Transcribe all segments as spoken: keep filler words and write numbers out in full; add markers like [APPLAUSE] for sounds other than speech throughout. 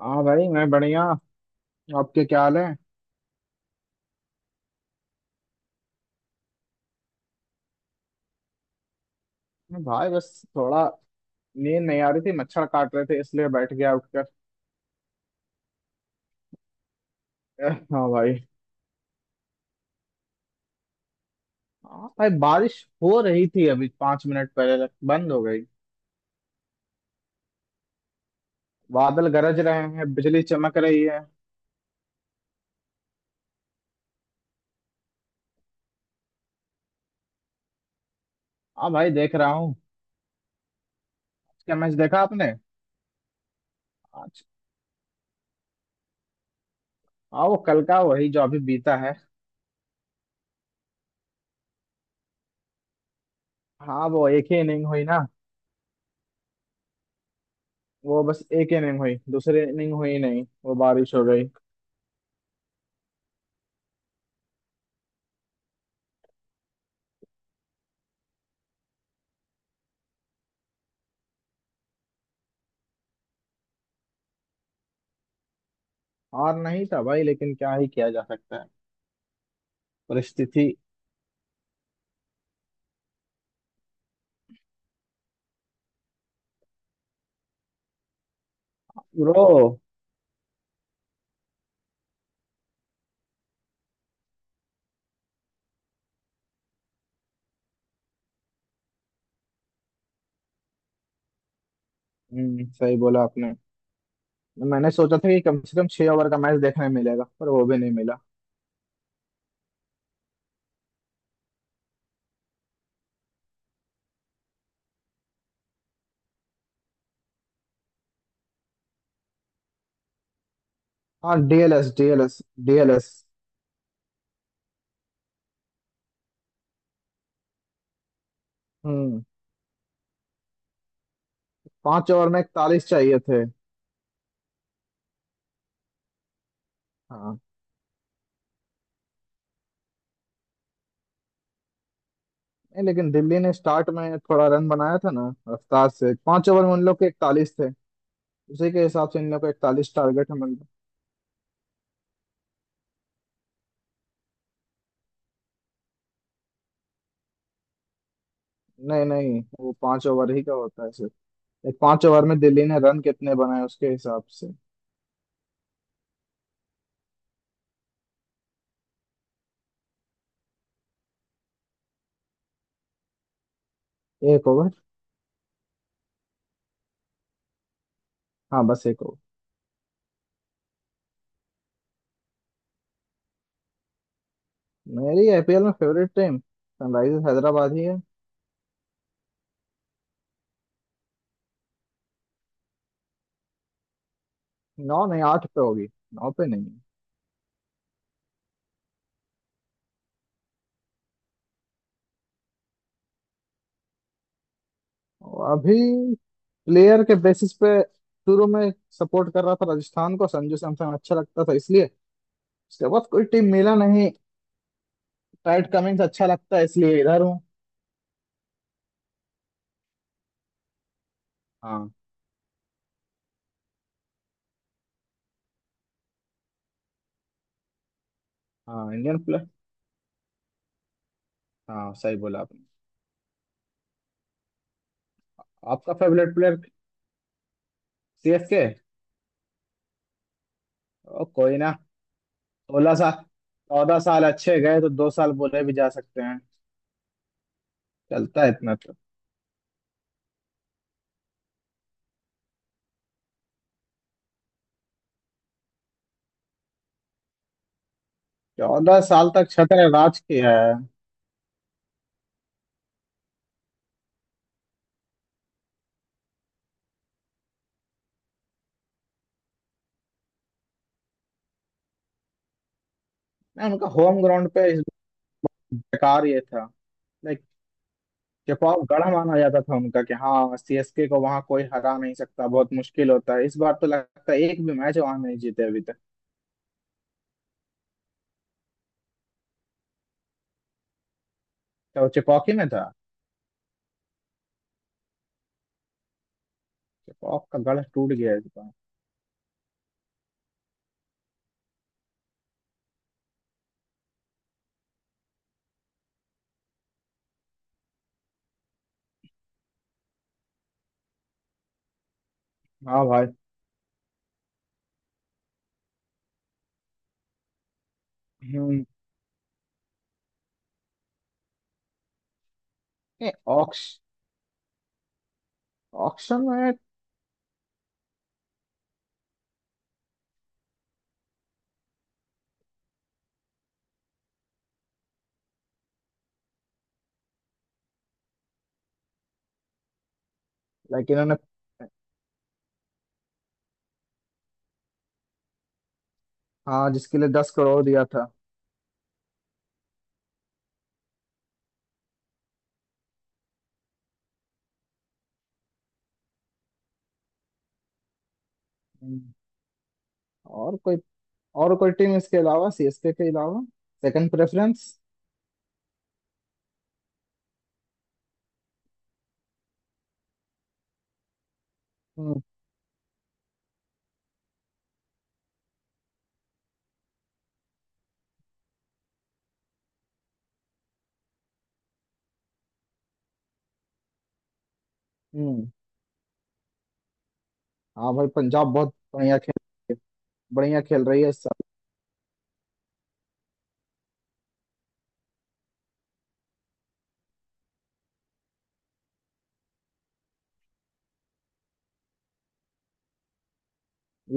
हाँ भाई, मैं बढ़िया। आपके क्या हाल है? मैं भाई बस थोड़ा नींद नहीं आ रही थी, मच्छर काट रहे थे, इसलिए बैठ गया उठकर। [LAUGHS] हाँ भाई। हाँ भाई, बारिश हो रही थी, अभी पांच मिनट पहले तक बंद हो गई। बादल गरज रहे हैं, बिजली चमक रही है। हाँ भाई, देख रहा हूँ। क्या मैच देखा आपने? आज। हाँ, वो कल का वही जो अभी बीता है। हाँ, वो एक ही इनिंग हुई ना। वो बस एक ही इनिंग हुई, दूसरी इनिंग हुई नहीं, वो बारिश हो गई। और नहीं था भाई, लेकिन क्या ही किया जा सकता है। परिस्थिति। ब्रो, हम्म, सही बोला आपने। मैंने सोचा था कि कम से कम छह ओवर का मैच देखने मिलेगा, पर वो भी नहीं मिला। हाँ, डीएलएस डीएलएस डीएलएस। हम्म। पांच ओवर में इकतालीस चाहिए थे। हाँ। नहीं लेकिन दिल्ली ने स्टार्ट में थोड़ा रन बनाया था ना रफ्तार से, पांच ओवर में उन लोग के इकतालीस थे। उसी के हिसाब से इन लोग को इकतालीस टारगेट है मतलब। नहीं नहीं, वो पांच ओवर ही का होता है सिर्फ। एक पांच ओवर में दिल्ली ने रन कितने बनाए उसके हिसाब से। एक ओवर। हाँ, बस एक ओवर। मेरी आईपीएल में फेवरेट टीम सनराइजर्स हैदराबाद ही है। नौ नहीं, आठ पे होगी। नौ पे नहीं है। और अभी प्लेयर के बेसिस पे शुरू में सपोर्ट कर रहा था राजस्थान को, संजू सैमसन अच्छा लगता था इसलिए। उसके बाद कोई टीम मिला नहीं। पैट कमिंग्स अच्छा लगता है इसलिए इधर हूँ। हाँ। हाँ, इंडियन प्लेयर। हाँ, सही बोला आपने। आपका फेवरेट प्लेयर? सीएसके। ओ, कोई ना। सोलह साल, चौदह साल अच्छे गए तो दो साल बोले भी जा सकते हैं। चलता है इतना तो। चौदह साल तक छत्र राज किया है। मैं उनका होम ग्राउंड पे इस बेकार ये था। लाइक, जवाब गढ़ माना जाता था उनका कि हाँ, सीएसके को वहां कोई हरा नहीं सकता, बहुत मुश्किल होता है, इस बार तो लगता है एक भी मैच वहां नहीं जीते अभी तक। तो वो चेपॉकी में था। चेपॉक का गढ़ टूट गया इस बार। हाँ भाई। हम्म। नहीं, ऑक्श ऑक्शन में। लाइक इन्होंने। हाँ, जिसके लिए दस करोड़ दिया था। हम्म, और कोई और कोई टीम इसके अलावा, सीएसके के अलावा, सेकंड प्रेफरेंस? हम्म हम्म। हाँ भाई, पंजाब बहुत बढ़िया खेल, बढ़िया खेल रही है सब।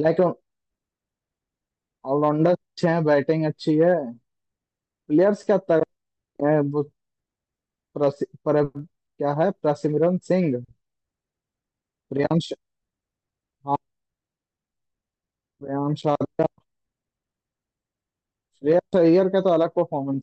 लाइक, ऑलराउंडर अच्छे हैं, बैटिंग अच्छी है। प्लेयर्स क्या तगड़े हैं वो। प्रसि- पर, क्या है, प्रसिमरन सिंह? प्रियांश, हाँ, प्रियांश आर्या। श्रेयस अय्यर का तो अलग परफॉर्मेंस।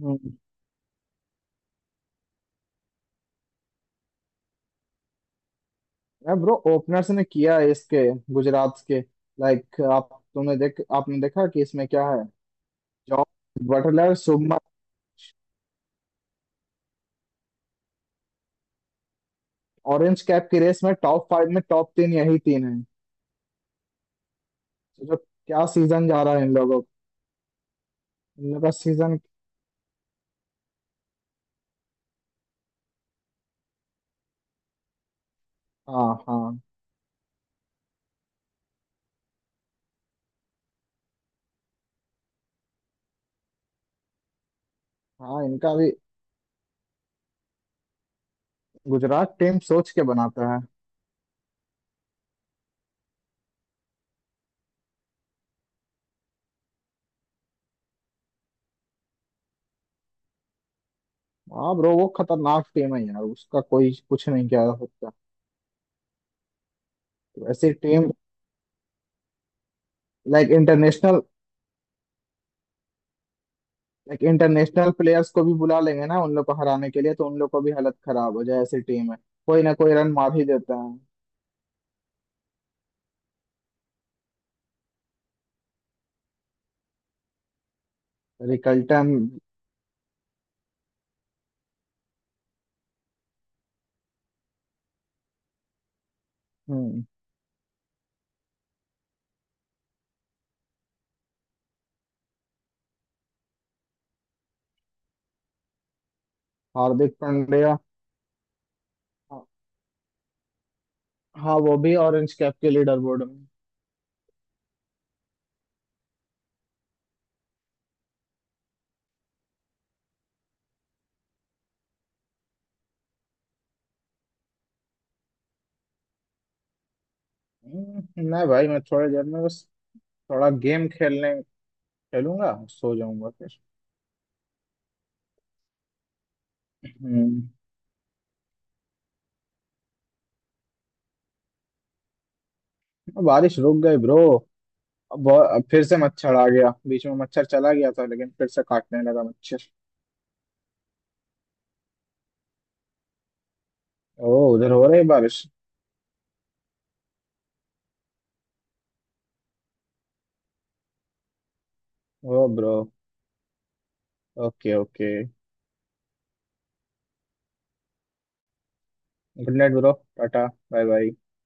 हम्म। ब्रो, ओपनर्स ने किया है इसके, गुजरात के। लाइक आप तुमने देख आपने देखा कि इसमें क्या है? Jos Buttler, Shubman. Orange cap की रेस में टॉप फाइव में, टॉप तीन यही तीन है। सोचो, क्या सीजन जा रहा है इन लोगों का। इन लोगों का सीजन। हाँ हाँ। हाँ, इनका भी, गुजरात टीम सोच के बनाता है। हाँ ब्रो, वो खतरनाक टीम है यार, उसका कोई कुछ नहीं किया जा सकता। तो ऐसी team, like international, like international players को भी बुला लेंगे ना उन लोग को हराने के लिए, तो उन लोग को भी हालत खराब हो जाए, ऐसी टीम है। कोई ना कोई रन मार ही देता है। रिकल्टन। हम्म। हार्दिक पांड्या। हाँ, वो भी ऑरेंज कैप के लीडर बोर्ड में। हम्म, नहीं भाई, मैं थोड़ी देर में बस थोड़ा गेम खेलने खेलूंगा, सो जाऊंगा फिर। हम्म। बारिश रुक गई ब्रो। बहुत फिर से मच्छर आ गया, बीच में मच्छर चला गया था लेकिन फिर से काटने लगा मच्छर। ओ, उधर हो रही है बारिश। Oh bro. Okay, okay. Good night bro. Tata. Bye bye.